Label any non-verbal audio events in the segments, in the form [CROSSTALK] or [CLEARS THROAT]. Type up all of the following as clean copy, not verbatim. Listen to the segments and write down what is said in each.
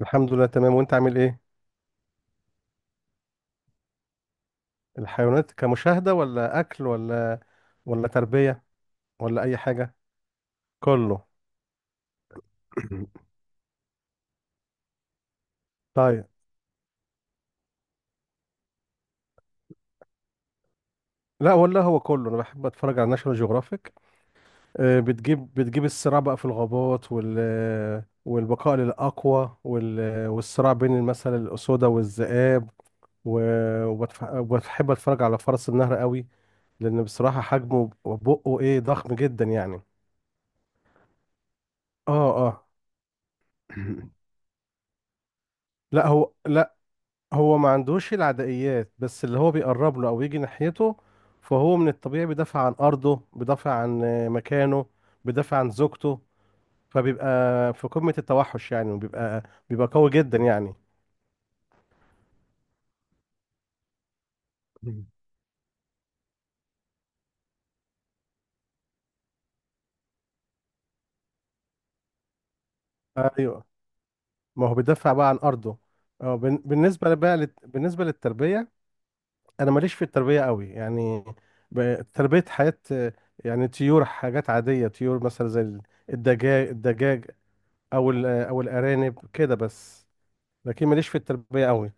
الحمد لله، تمام، وانت عامل ايه؟ الحيوانات كمشاهدة ولا اكل ولا تربية ولا اي حاجة؟ كله. [COUGHS] [CLEARS THROAT] طيب. لا والله، هو كله، انا بحب اتفرج على ناشونال جيوغرافيك. بتجيب الصراع بقى في الغابات والبقاء للاقوى والصراع بين مثلا الاسودة والذئاب، و... وبحب اتفرج على فرس النهر قوي، لان بصراحة حجمه وبقه ايه ضخم جدا يعني. اه، اه. [COUGHS] [CLEARS THROAT] لا، هو لا، هو ما عندوش العدائيات، بس اللي هو بيقرب له او يجي ناحيته فهو من الطبيعي بيدافع عن ارضه، بيدافع عن مكانه، بيدافع عن زوجته. فبيبقى في قمة التوحش يعني، وبيبقى قوي جدا يعني. مم. ايوه. ما هو بيدافع بقى عن ارضه. بالنسبه للتربيه، انا ماليش في التربيه قوي يعني. تربيه حياه، يعني طيور، حاجات عاديه، طيور مثلا زي الدجاج او الارانب كده بس. لكن ماليش في التربية قوي.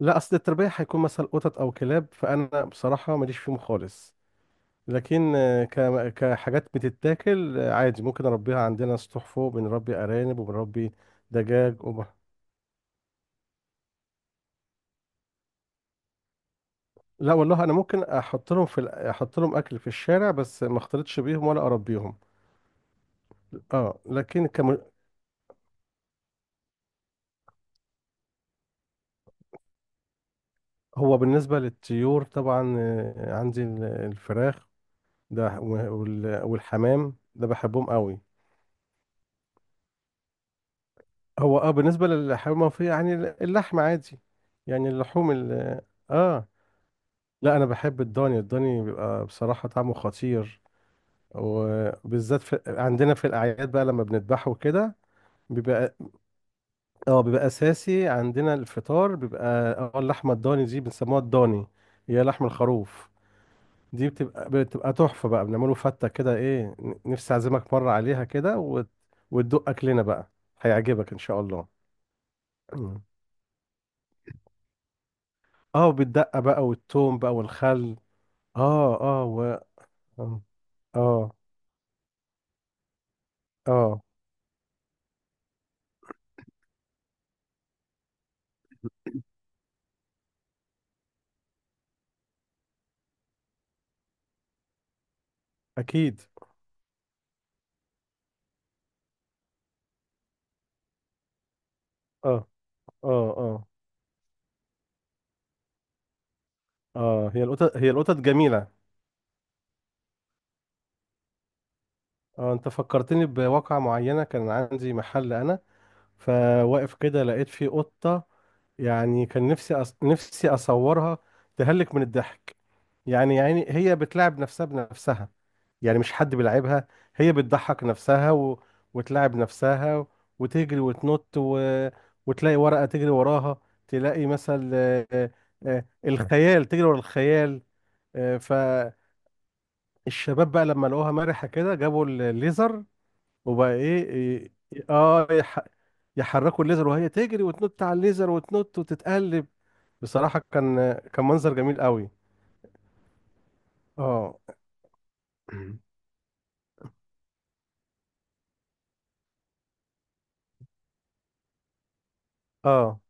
لا، اصل التربية هيكون مثلا قطط او كلاب، فانا بصراحة ماليش فيهم خالص. لكن كحاجات بتتاكل، عادي ممكن اربيها، عندنا سطوح فوق بنربي ارانب وبنربي دجاج. لا والله، انا ممكن احط لهم في احط لهم اكل في الشارع، بس ما اختلطش بيهم ولا اربيهم. اه، هو بالنسبة للطيور طبعا، عندي الفراخ ده والحمام ده بحبهم قوي. هو بالنسبة للحيوان المنفية يعني اللحم عادي، يعني اللحوم. اه، لا، انا بحب الضاني، الضاني بيبقى بصراحة طعمه خطير، وبالذات عندنا في الاعياد بقى لما بنذبحه وكده. بيبقى اه بيبقى اساسي عندنا الفطار بيبقى. اه اللحمة الضاني دي بنسموها الضاني، هي لحم الخروف. دي بتبقى تحفة بقى، بنعمله فتة كده، ايه نفسي اعزمك مرة عليها كده، وتدوق اكلنا بقى، هيعجبك ان شاء الله. اه بالدقة بقى والثوم بقى والخل. اه، اه، و، اه، اه، آه، اكيد، اه، اه، اه، اه. هي القطط جميلة. اه انت فكرتني بواقعة معينة، كان عندي محل انا، فواقف كده لقيت فيه قطة. يعني كان نفسي اصورها، تهلك من الضحك. يعني هي بتلعب نفسها بنفسها، يعني مش حد بيلعبها، هي بتضحك نفسها، وتلعب نفسها، وتجري وتنط، وتلاقي ورقة تجري وراها، تلاقي مثل الخيال، تجري ورا الخيال. آه، فالشباب بقى لما لقوها مرحة كده جابوا الليزر وبقى ايه، إيه- اه يح... يحركوا الليزر وهي تجري وتنط على الليزر وتنط وتتقلب. بصراحة كان منظر جميل قوي. اه. [CLEARS THROAT] اه،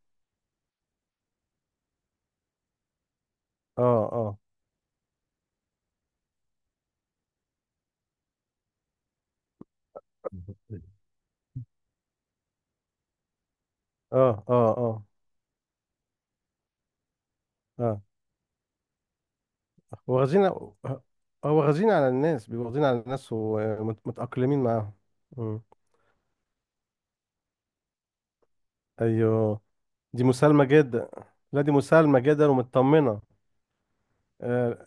اه، اه، اه، اه، اه، اه. واخدين هو واخدين على الناس، بيبقوا واخدين على الناس ومتأقلمين معاهم. مم. ايوه. دي مسالمة جدا. لا، دي مسالمة جدا ومطمنة. اه،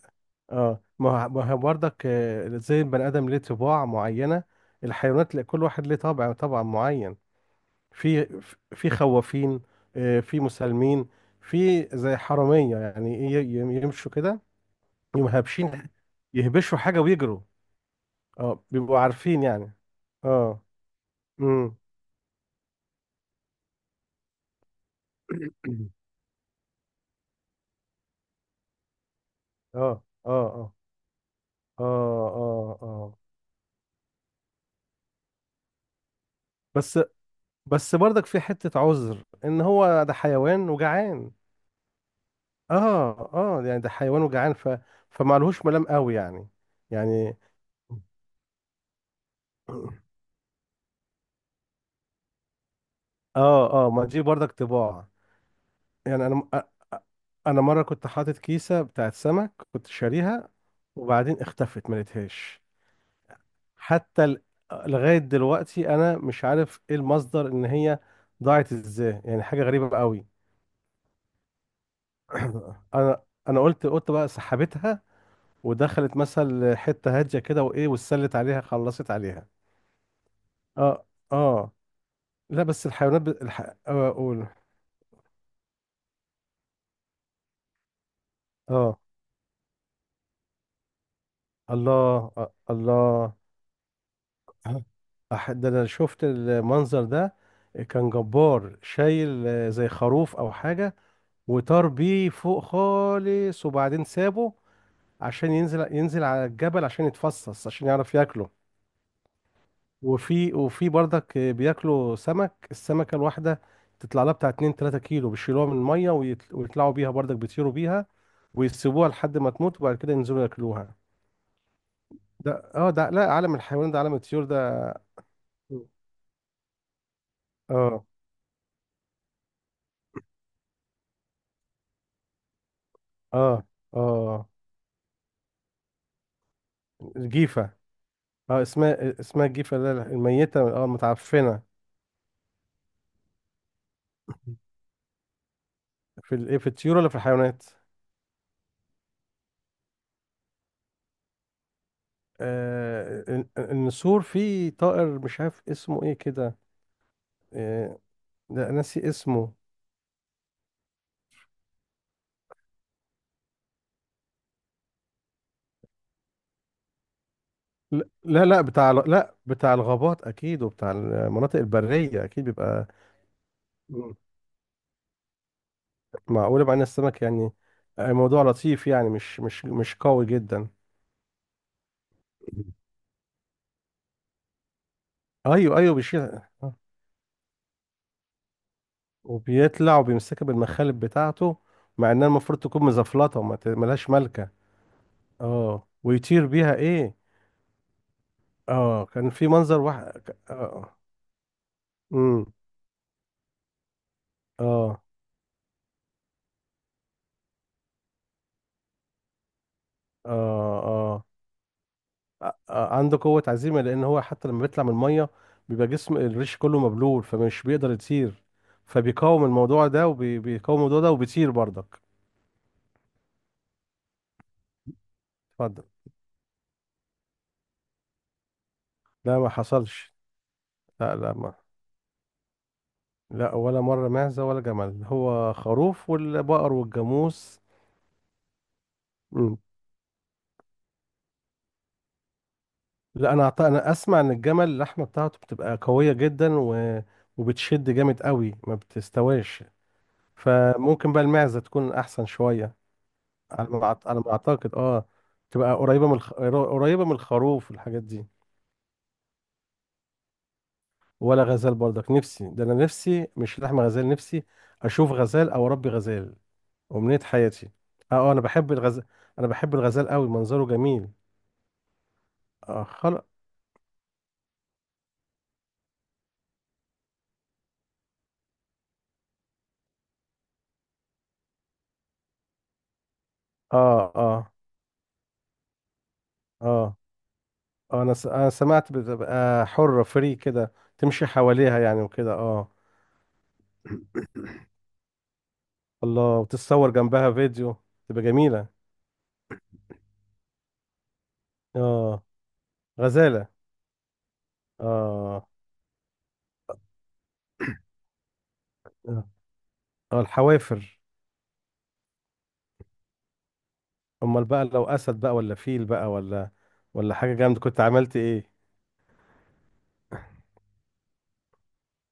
آه. ما هو برضك زي البني آدم ليه طباع معينة، الحيوانات كل واحد ليه طبع معين. في في خوافين، في مسالمين، في زي حرامية، يعني إيه، يمشوا كده، يقوموا هابشين، يهبشوا حاجة ويجروا. اه، بيبقوا عارفين يعني. اه، امم. [CLEARS THROAT] اه، اه، اه، اه، اه، اه. بس بس برضك في حتة عذر ان هو ده حيوان وجعان. اه، اه، يعني ده حيوان وجعان، فمعلهوش ملام قوي يعني. يعني [CLEARS THROAT] اه اه ما دي برضك طباع يعني أ- انا مره كنت حاطط كيسه بتاعت سمك كنت شاريها، وبعدين اختفت ما لقيتهاش. حتى ال- لغايه دلوقتي انا مش عارف ايه المصدر ان هي ضاعت ازاي، يعني حاجه غريبه قوي. [CLEARS THROAT] انا انا قلت بقى سحبتها ودخلت مثلا حته هاديه كده، وايه واتسلت عليها خلصت عليها. اه، اه، لا، بس الحيوانات اقول. اه، الله. الله. اه، ده انا شفت المنظر ده، كان جبار شايل زي خروف او حاجه، وطار بيه فوق خالص وبعدين سابه، عشان ينزل على الجبل عشان يتفصص عشان يعرف ياكله. وفي برضك بياكلوا سمك، السمكه الواحده تطلع لها بتاع 2 3 كيلو بيشيلوها من الميه ويطلعوا بيها برضك بيطيروا بيها، ويسيبوها لحد ما تموت وبعد كده ينزلوا ياكلوها. ده لا، عالم الحيوان ده، عالم الطيور ده. اه، اه، اه، جيفة. اه اسمها الجيفة، اللي هي الميتة المتعفنة. في الطيور ولا في الحيوانات؟ آه النسور، في طائر مش عارف اسمه ايه كده. آه لا، ناسي اسمه. لا، لا، لا، لا بتاع الغابات اكيد، وبتاع المناطق البرية اكيد بيبقى. مم. معقول بقى ان السمك يعني، موضوع لطيف يعني، مش قوي جدا. ايوه، ايوه، بيشيل وبيطلع وبيمسكها بالمخالب بتاعته، مع انها المفروض تكون مزفلطه، ملهاش ملكه. اه، ويطير بيها ايه. اه، كان في منظر واحد. امم. اه، اه، اه، آ- آ- عنده قوه عزيمه، لان هو حتى لما بيطلع من الميه بيبقى جسم الريش كله مبلول، فمش بيقدر يطير، فبيقاوم الموضوع ده وبيقاوم الموضوع ده وبيطير برضك. اتفضل. لا، ما حصلش. لا، لا، ما، لا، ولا مره معزه ولا جمل، هو خروف والبقر والجاموس. لا، انا اسمع ان الجمل اللحمه بتاعته بتبقى قويه جدا، وبتشد جامد قوي ما بتستواش، فممكن بقى المعزه تكون احسن شويه. على ما اعتقد اه، تبقى قريبه من قريبه من الخروف والحاجات دي. ولا غزال برضك، نفسي ده، انا نفسي مش لحم غزال، نفسي اشوف غزال او اربي غزال، امنيه حياتي. اه، انا بحب الغزال، انا بحب الغزال قوي منظره جميل. اه، خلق. اه، اه، اه، اه، انا سمعت بتبقى حرة فري كده تمشي حواليها يعني وكده اه. [CLEARS THROAT] الله، وتتصور جنبها فيديو، تبقى جميلة. اه، غزالة. اه. [CLEARS THROAT] اه، الحوافر. امال بقى لو اسد بقى ولا فيل بقى، ولا حاجة جامدة كنت عملت ايه؟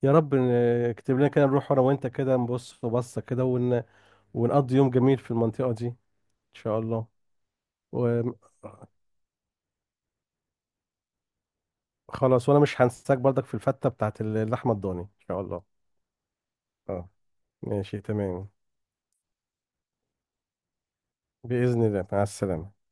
يا رب، اكتب لنا كده نروح انا وانت كده نبص بصة كده، ونقضي يوم جميل في المنطقة دي ان شاء الله. وخلاص، وانا مش هنساك برضك في الفتة بتاعت اللحمة الضاني ان شاء الله. اه، ماشي تمام. بإذن الله، مع السلامة.